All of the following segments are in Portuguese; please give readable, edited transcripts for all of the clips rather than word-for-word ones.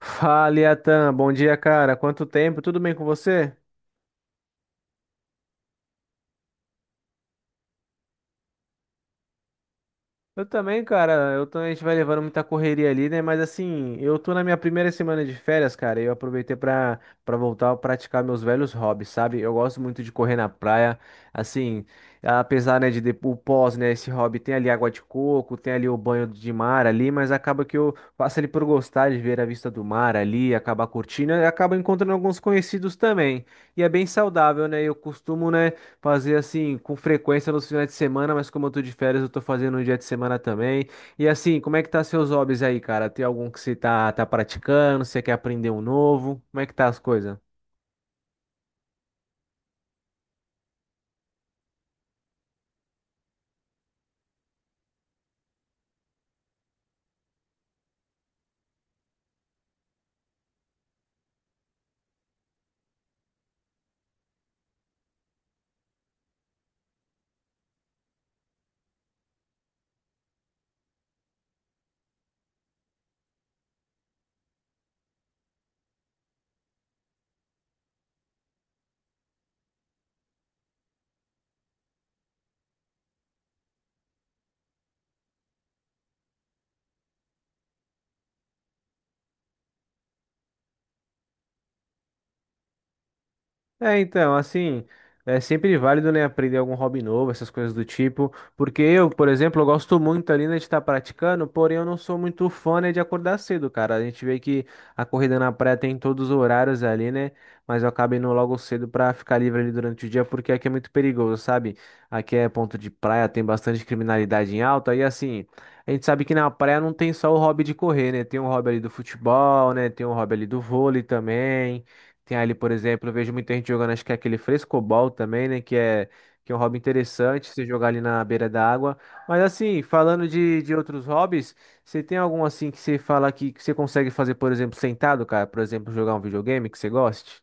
Fala, Iatan. Bom dia, cara. Quanto tempo? Tudo bem com você? Eu também, cara. Eu tô, a gente vai levando muita correria ali, né? Mas assim, eu tô na minha primeira semana de férias, cara. E eu aproveitei pra voltar a praticar meus velhos hobbies, sabe? Eu gosto muito de correr na praia. Assim, apesar, né, o pós, né? Esse hobby tem ali água de coco, tem ali o banho de mar ali, mas acaba que eu faço ali por gostar de ver a vista do mar ali, acabar curtindo e acaba encontrando alguns conhecidos também. E é bem saudável, né? Eu costumo, né, fazer assim com frequência nos finais de semana, mas como eu tô de férias, eu tô fazendo no dia de semana também. E assim, como é que tá seus hobbies aí, cara? Tem algum que você tá praticando? Você quer aprender um novo? Como é que tá as coisas? É, então, assim, é sempre válido, né, aprender algum hobby novo, essas coisas do tipo, porque eu, por exemplo, eu gosto muito ali, né, de estar praticando, porém eu não sou muito fã, né, de acordar cedo, cara. A gente vê que a corrida na praia tem em todos os horários ali, né, mas eu acabo indo logo cedo pra ficar livre ali durante o dia, porque aqui é muito perigoso, sabe? Aqui é ponto de praia, tem bastante criminalidade em alta, e assim, a gente sabe que na praia não tem só o hobby de correr, né, tem o hobby ali do futebol, né, tem o hobby ali do vôlei também. Tem ali, por exemplo, eu vejo muita gente jogando, acho que é aquele frescobol também, né? Que é um hobby interessante, você jogar ali na beira da água. Mas assim, falando de outros hobbies, você tem algum assim que você fala que você consegue fazer, por exemplo, sentado, cara? Por exemplo, jogar um videogame que você goste?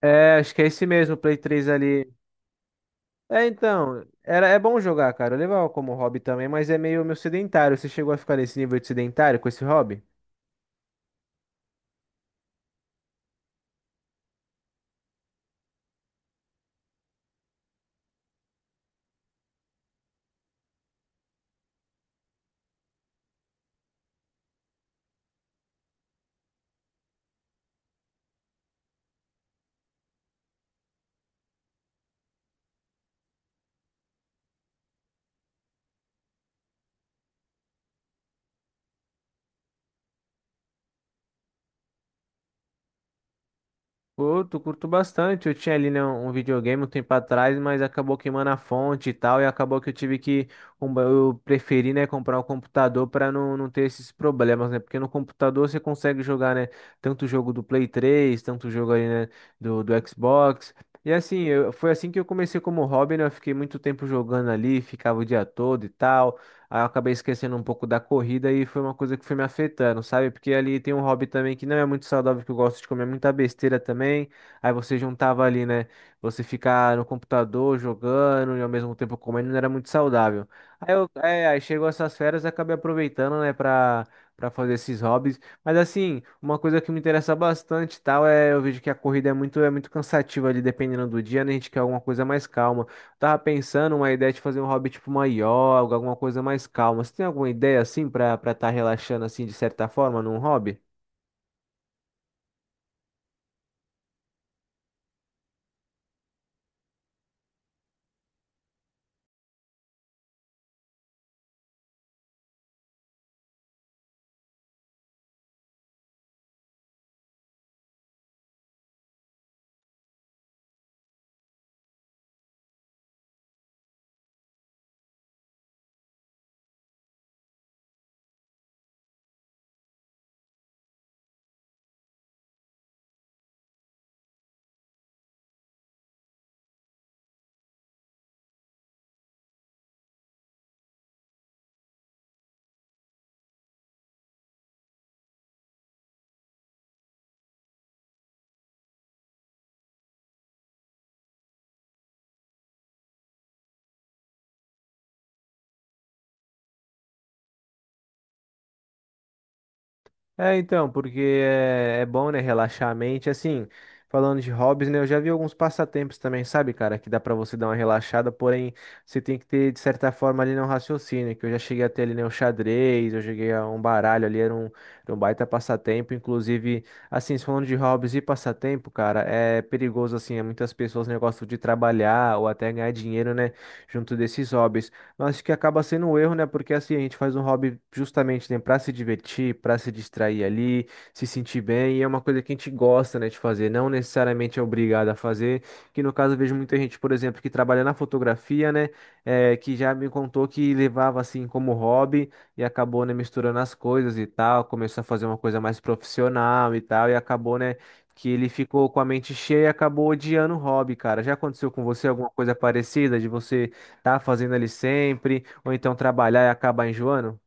É, acho que é esse mesmo, o Play 3 ali. É bom jogar, cara. Eu levava como hobby também, mas é meio sedentário. Você chegou a ficar nesse nível de sedentário com esse hobby? Curto, curto bastante. Eu tinha ali, né, um videogame um tempo atrás, mas acabou queimando a fonte e tal, e acabou que eu tive que. Eu preferi, né, comprar um computador para não ter esses problemas, né? Porque no computador você consegue jogar, né, tanto o jogo do Play 3, tanto o jogo ali né, do Xbox. E assim, foi assim que eu comecei como hobby, né? Eu fiquei muito tempo jogando ali, ficava o dia todo e tal. Aí eu acabei esquecendo um pouco da corrida e foi uma coisa que foi me afetando, sabe? Porque ali tem um hobby também que não é muito saudável, que eu gosto de comer muita besteira também. Aí você juntava ali, né? Você ficar no computador jogando e ao mesmo tempo comendo não era muito saudável. Aí chegou essas férias e acabei aproveitando, né, pra fazer esses hobbies. Mas assim, uma coisa que me interessa bastante, e tal, é eu vejo que a corrida é é muito cansativa ali, dependendo do dia, né? A gente quer alguma coisa mais calma. Tava pensando uma ideia de fazer um hobby tipo uma yoga, alguma coisa mais calma. Você tem alguma ideia assim pra para estar relaxando assim de certa forma num hobby? É, então, porque é bom, né, relaxar a mente. Assim, falando de hobbies, né, eu já vi alguns passatempos também, sabe, cara, que dá pra você dar uma relaxada, porém, você tem que ter, de certa forma, ali, né, um raciocínio, que eu já cheguei a ter ali, né, o xadrez, eu cheguei a um baralho ali, era um baita passatempo, inclusive, assim, falando de hobbies e passatempo, cara, é perigoso, assim, é muitas pessoas, né, gostam de trabalhar ou até ganhar dinheiro, né, junto desses hobbies. Acho que acaba sendo um erro, né? Porque assim, a gente faz um hobby justamente, né, para se divertir, para se distrair ali, se sentir bem, e é uma coisa que a gente gosta, né, de fazer, não necessariamente é obrigado a fazer. Que no caso eu vejo muita gente, por exemplo, que trabalha na fotografia, né, que já me contou que levava assim como hobby e acabou, né, misturando as coisas e tal, começou a fazer uma coisa mais profissional e tal, e acabou, né, que ele ficou com a mente cheia e acabou odiando o hobby, cara. Já aconteceu com você alguma coisa parecida de você tá fazendo ali sempre, ou então trabalhar e acabar enjoando?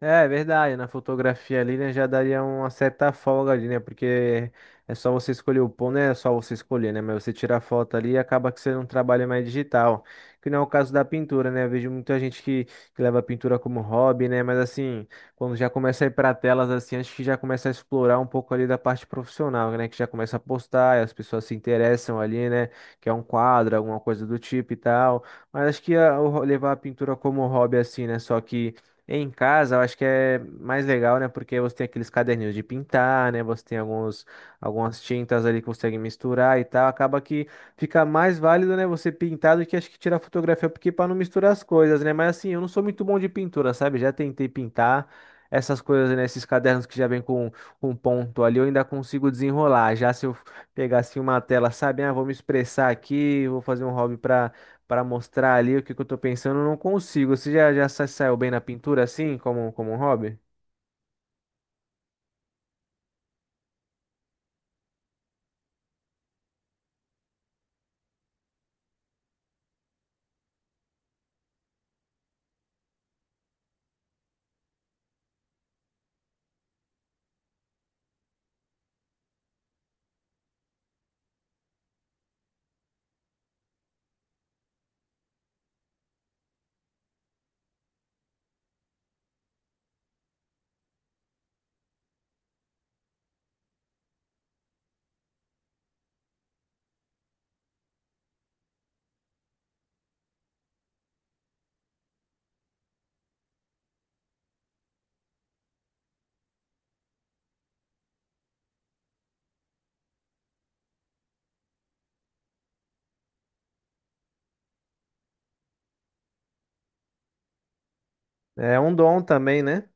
É, é verdade, na fotografia ali, né, já daria uma certa folga ali, né, porque é só você escolher o ponto, né, é só você escolher, né, mas você tira a foto ali e acaba que você não trabalha mais digital, que não é o caso da pintura, né, eu vejo muita gente que leva a pintura como hobby, né, mas assim, quando já começa a ir para telas, assim, acho que já começa a explorar um pouco ali da parte profissional, né, que já começa a postar, e as pessoas se interessam ali, né, que é um quadro, alguma coisa do tipo e tal, mas acho que ah, levar a pintura como hobby, assim, né, só que em casa, eu acho que é mais legal, né? Porque você tem aqueles caderninhos de pintar, né? Você tem algumas tintas ali que você consegue misturar e tal. Acaba que fica mais válido, né? Você pintar do que acho que tirar fotografia, porque para não misturar as coisas, né? Mas assim, eu não sou muito bom de pintura, sabe? Já tentei pintar essas coisas, né? Esses cadernos que já vem com um ponto ali, eu ainda consigo desenrolar. Já se eu pegasse uma tela, sabe? Ah, vou me expressar aqui, vou fazer um hobby para pra mostrar ali o que que eu tô pensando, eu não consigo. Você já saiu bem na pintura assim, como um hobby? É um dom também, né?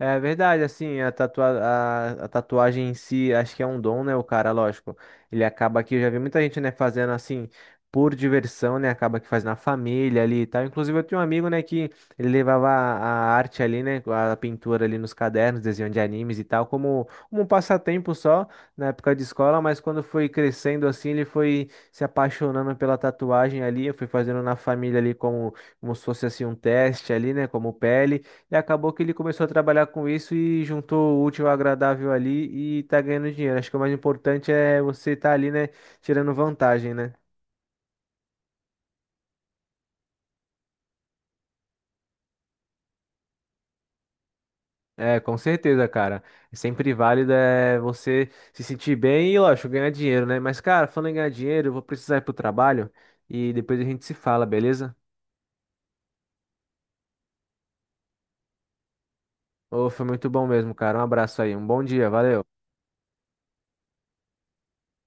É verdade, assim, tatua a tatuagem em si, acho que é um dom, né? O cara, lógico, ele acaba que eu já vi muita gente, né, fazendo assim por diversão, né? Acaba que faz na família ali e tal. Inclusive, eu tinha um amigo, né, que ele levava a arte ali, né, a pintura ali nos cadernos, desenho de animes e tal, como um passatempo só na época de escola, mas quando foi crescendo assim, ele foi se apaixonando pela tatuagem ali, eu fui fazendo na família ali como, como se fosse assim um teste ali, né, como pele. E acabou que ele começou a trabalhar com isso e juntou o útil ao agradável ali e tá ganhando dinheiro. Acho que o mais importante é você estar ali, né, tirando vantagem, né? É, com certeza, cara. É sempre válido é você se sentir bem e, lógico, ganhar dinheiro, né? Mas, cara, falando em ganhar dinheiro, eu vou precisar ir pro trabalho e depois a gente se fala, beleza? Ô, foi muito bom mesmo, cara. Um abraço aí, um bom dia, valeu.